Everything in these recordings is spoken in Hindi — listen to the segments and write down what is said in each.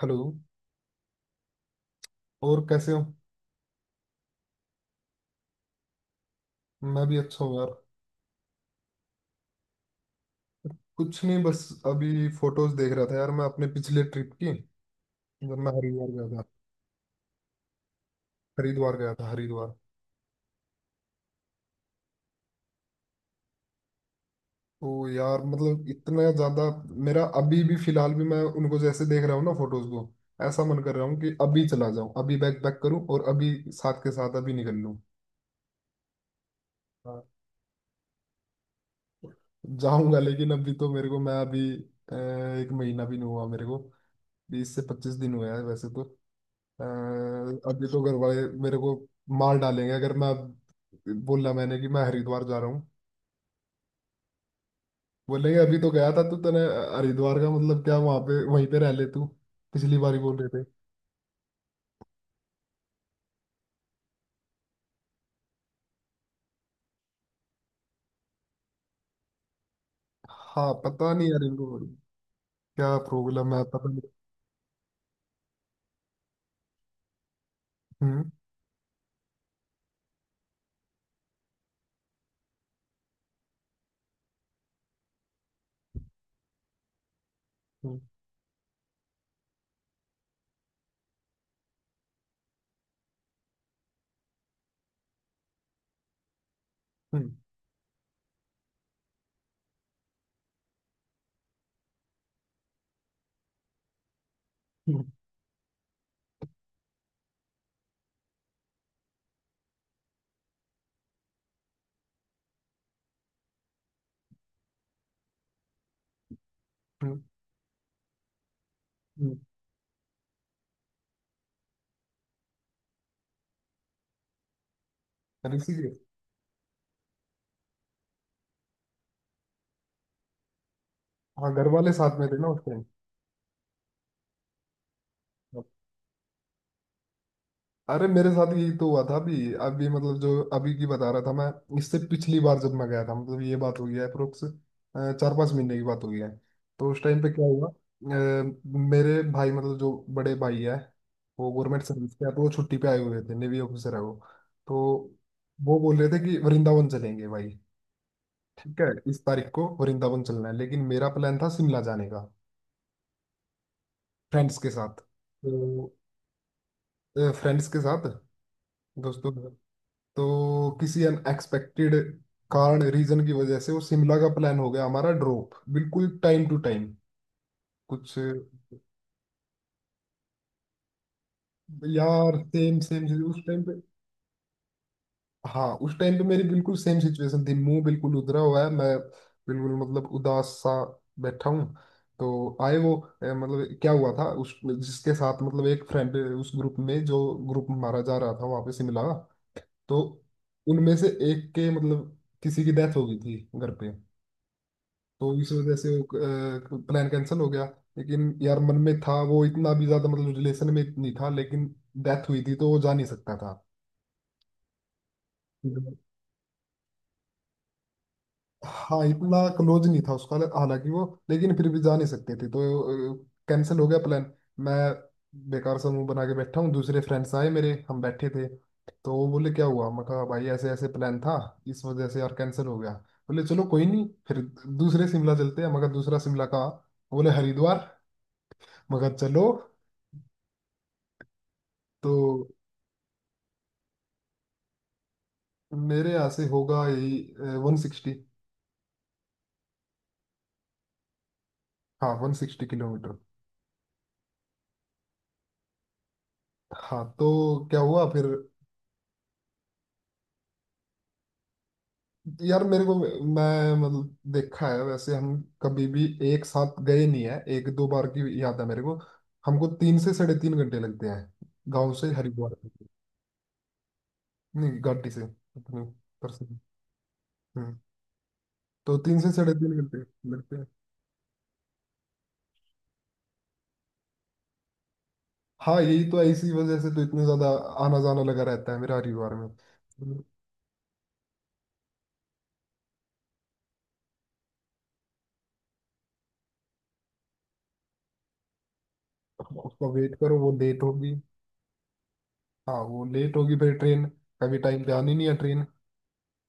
हेलो। और कैसे हो? मैं भी अच्छा हूँ यार। कुछ नहीं, बस अभी फोटोज देख रहा था यार, मैं अपने पिछले ट्रिप की। जब मैं हरिद्वार गया था। हरिद्वार गया था, हरिद्वार। तो यार मतलब इतना ज्यादा मेरा अभी भी, फिलहाल भी, मैं उनको जैसे देख रहा हूँ ना फोटोज को, ऐसा मन कर रहा हूँ कि अभी चला जाऊँ, अभी बैक पैक करूँ और अभी साथ के साथ अभी निकल लूँ। हाँ। जाऊंगा, लेकिन अभी तो मेरे को, मैं अभी अ, एक महीना भी नहीं हुआ मेरे को। 20 से 25 दिन हुआ है वैसे तो। अ, अभी तो घर वाले मेरे को मार डालेंगे अगर मैं अब बोला मैंने कि मैं हरिद्वार जा रहा हूँ। बोलेंगे अभी तो गया था तू, तने हरिद्वार का मतलब क्या, वहां पे वहीं पे रह ले तू। पिछली बार ही बोल रहे थे। हाँ पता नहीं यार इनको क्या प्रॉब्लम है, पता नहीं। हम्म। हम्म। हम्म। हम्म। हम्म, हम्म। अरे इसीलिए हाँ घर वाले साथ में थे ना उस टाइम। अरे मेरे साथ यही तो हुआ था अभी अभी, मतलब जो अभी की बता रहा था मैं। इससे पिछली बार जब मैं गया था, मतलब ये बात हो गया है अप्रोक्स 4-5 महीने की बात हो गया है। तो उस टाइम पे क्या हुआ मेरे भाई, मतलब जो बड़े भाई है, वो गवर्नमेंट सर्विस के हैं, तो वो छुट्टी पे आए हुए थे, नेवी ऑफिसर है वो। तो वो बोल रहे थे कि वृंदावन चलेंगे भाई। ठीक है, इस तारीख को वृंदावन चलना है, लेकिन मेरा प्लान था शिमला जाने का, फ्रेंड्स के साथ। तो फ्रेंड्स के साथ, दोस्तों। तो किसी अनएक्सपेक्टेड कारण, रीजन की वजह से वो शिमला का प्लान हो गया हमारा ड्रॉप। बिल्कुल टाइम टू टाइम कुछ। यार सेम सेम उस टाइम पे। हाँ उस टाइम पे मेरी बिल्कुल सेम सिचुएशन थी, मुंह बिल्कुल उधरा हुआ है, मैं बिल्कुल मतलब उदास सा बैठा हूँ। तो आए वो। मतलब क्या हुआ था उस जिसके साथ, मतलब एक फ्रेंड उस ग्रुप में जो ग्रुप हमारा जा रहा था वहां पे शिमला। तो उनमें से एक के मतलब किसी की डेथ हो गई थी घर पे। तो इस वजह से प्लान कैंसिल हो गया। लेकिन यार मन में था, वो इतना भी ज्यादा मतलब रिलेशन में नहीं था, लेकिन डेथ हुई थी तो वो जा नहीं सकता था। हम्म। हाँ इतना क्लोज नहीं था उसका हालांकि वो, लेकिन फिर भी जा नहीं सकते थे, तो कैंसिल हो गया प्लान। मैं बेकार सा मुंह बना के बैठा हूँ, दूसरे फ्रेंड्स आए मेरे, हम बैठे थे, तो वो बोले क्या हुआ। मैं कहा भाई ऐसे ऐसे प्लान था, इस वजह से यार कैंसिल हो गया। बोले चलो कोई नहीं, फिर दूसरे शिमला चलते हैं। मगर दूसरा शिमला कहाँ? बोले हरिद्वार। मगर चलो। तो मेरे यहाँ से होगा यही 160। हाँ 160 किलोमीटर। हाँ। तो क्या हुआ फिर? यार मेरे को, मैं मतलब देखा है, वैसे हम कभी भी एक साथ गए नहीं है, एक दो बार की याद है मेरे को। हमको 3 से साढ़े 3 घंटे लगते हैं गांव से हरिद्वार तक। नहीं गाड़ी से अपने उधर से। हम्म। तो 3 से साढ़े 3 घंटे लगते हैं। हाँ यही तो है, इसी वजह से तो इतने ज्यादा आना जाना लगा रहता है मेरा हरिद्वार में। हम्म। उसका वेट करो, वो लेट होगी। हाँ वो लेट होगी, फिर ट्रेन कभी टाइम पे आनी नहीं है ट्रेन।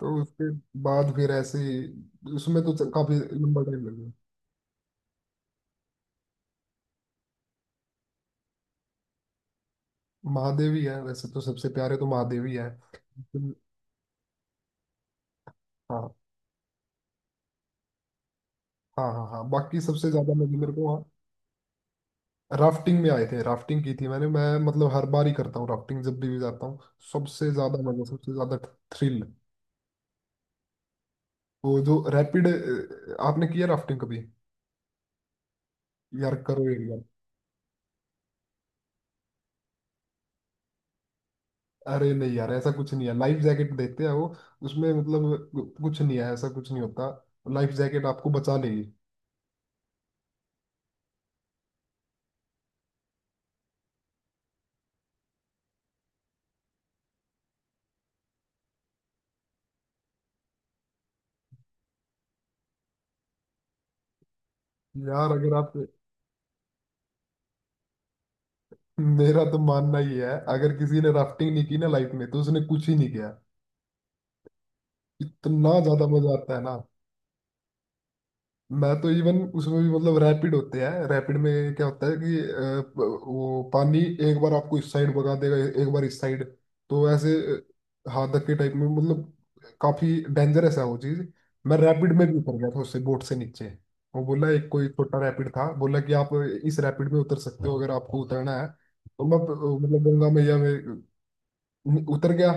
तो उसके बाद फिर ऐसे ही- उसमें तो काफी लंबा टाइम लगेगा। महादेव ही है वैसे तो, सबसे प्यारे तो महादेव ही है, लेकिन- हाँ। हाँ हाँ हाँ बाकी सबसे ज्यादा मजे मेरे को वहाँ राफ्टिंग में आए थे, राफ्टिंग की थी मैंने। मैं मतलब हर बार ही करता हूँ राफ्टिंग जब भी जाता हूँ। सबसे ज्यादा मजा, सबसे ज्यादा थ्रिल, वो जो रैपिड। आपने किया राफ्टिंग कभी? यार करो एक बार। अरे नहीं यार ऐसा कुछ नहीं है, लाइफ जैकेट देखते हैं वो, उसमें मतलब कुछ नहीं है, ऐसा कुछ नहीं होता। लाइफ जैकेट आपको बचा लेगी। यार अगर आप, मेरा तो मानना ही है, अगर किसी ने राफ्टिंग नहीं की ना लाइफ में तो उसने कुछ ही नहीं किया। इतना ज्यादा मजा आता है ना। मैं तो इवन उसमें भी मतलब रैपिड होते हैं, रैपिड में क्या होता है कि वो पानी एक बार आपको इस साइड भगा देगा, एक बार इस साइड। तो ऐसे हाथ धक्के टाइप में, मतलब काफी डेंजरस है वो चीज। मैं रैपिड में भी उतर गया था उससे, बोट से नीचे। वो बोला एक कोई छोटा रैपिड था, बोला कि आप इस रैपिड में उतर सकते हो अगर आपको उतरना है, तो मैं मतलब गंगा मैया में उतर गया।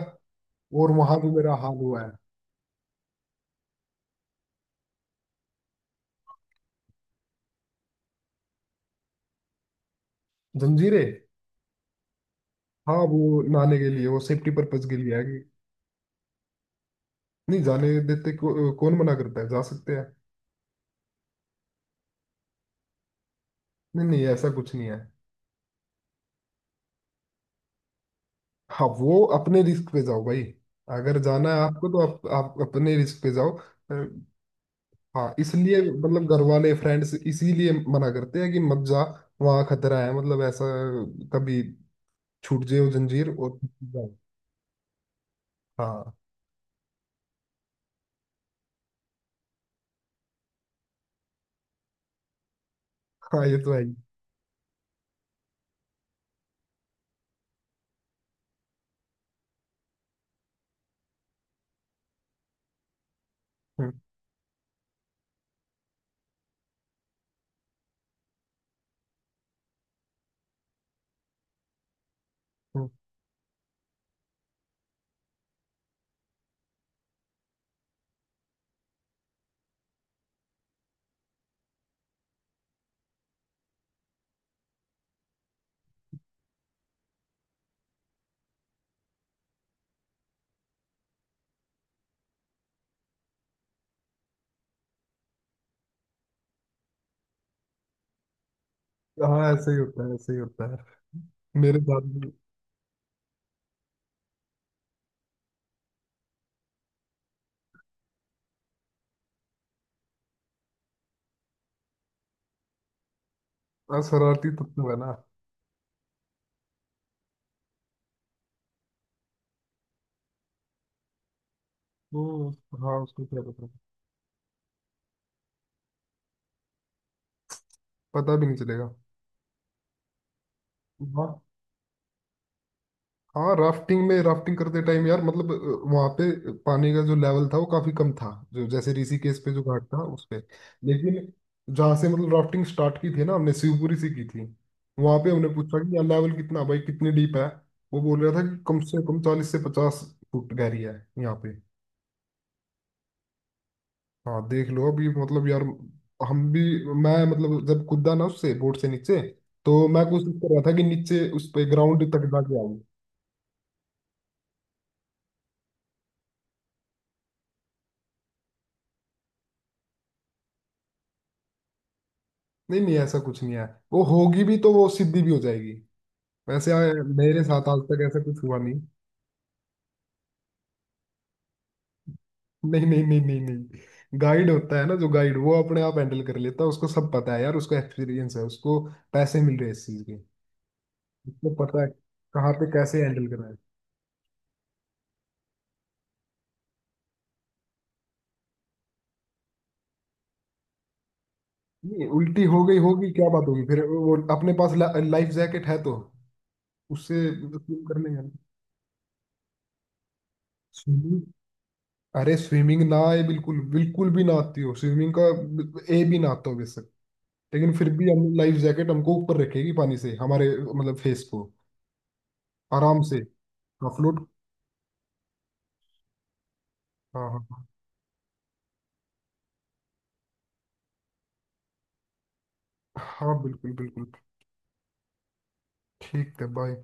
और वहां भी मेरा हाल हुआ है। जंजीरें? हाँ वो नहाने के लिए, वो सेफ्टी पर्पज के लिए है। नहीं जाने देते को, कौन मना करता है, जा सकते हैं। नहीं नहीं ऐसा कुछ नहीं है। हाँ वो अपने रिस्क पे जाओ भाई, अगर जाना है आपको तो आप अपने रिस्क पे जाओ। अ, हाँ इसलिए मतलब घर वाले फ्रेंड्स इसीलिए मना करते हैं कि मत जा, वहाँ खतरा है, मतलब ऐसा कभी छूट जाओ जंजीर और जाओ। हाँ। हाँ ये तो है ही। हम्म। हम्म। हाँ ऐसे ही होता है, ऐसे ही होता है मेरे साथ भी। हाँ, शरारती तत्व है ना वो। हाँ उसको क्या पता, पता भी नहीं चलेगा। वाह। हाँ राफ्टिंग में, राफ्टिंग करते टाइम यार, मतलब वहां पे पानी का जो लेवल था वो काफी कम था, जो जैसे ऋषिकेश पे जो घाट था उस पे। लेकिन जहाँ से मतलब राफ्टिंग स्टार्ट की थी ना हमने, शिवपुरी से की थी, वहां पे हमने पूछा कि यार लेवल कितना है भाई, कितनी डीप है। वो बोल रहा था कि कम से कम 40 से 50 फुट गहरी है यहाँ पे। हाँ देख लो अभी, मतलब यार, हम भी, मैं मतलब जब कूदा ना उससे बोट से नीचे, तो मैं कोशिश कर रहा था कि नीचे उस पे ग्राउंड तक जाके आऊँ। नहीं नहीं ऐसा कुछ नहीं है, वो होगी भी तो वो सिद्धि भी हो जाएगी वैसे। मेरे साथ आज तक ऐसा कुछ हुआ नहीं। नहीं नहीं नहीं नहीं नहीं। गाइड होता है ना, जो गाइड वो अपने आप हैंडल कर लेता है, उसको सब पता है यार, उसको एक्सपीरियंस है, उसको पैसे मिल रहे हैं इस चीज के। उसको पता है कहाँ पे कैसे हैंडल करना है। नहीं उल्टी हो गई होगी क्या बात होगी, फिर वो अपने पास लाइफ जैकेट है तो उससे swim कर लेंगे ना। स्विमिंग। अरे स्विमिंग ना आए, बिल्कुल बिल्कुल भी ना आती हो, स्विमिंग का ए भी ना आता हो बेशक, लेकिन फिर भी हम लाइफ जैकेट हमको ऊपर रखेगी पानी से, हमारे मतलब फेस को। आराम से। हाँ फ्लोट। हाँ हाँ। हाँ, हाँ, बिल्कुल बिल्कुल। ठीक है, बाय।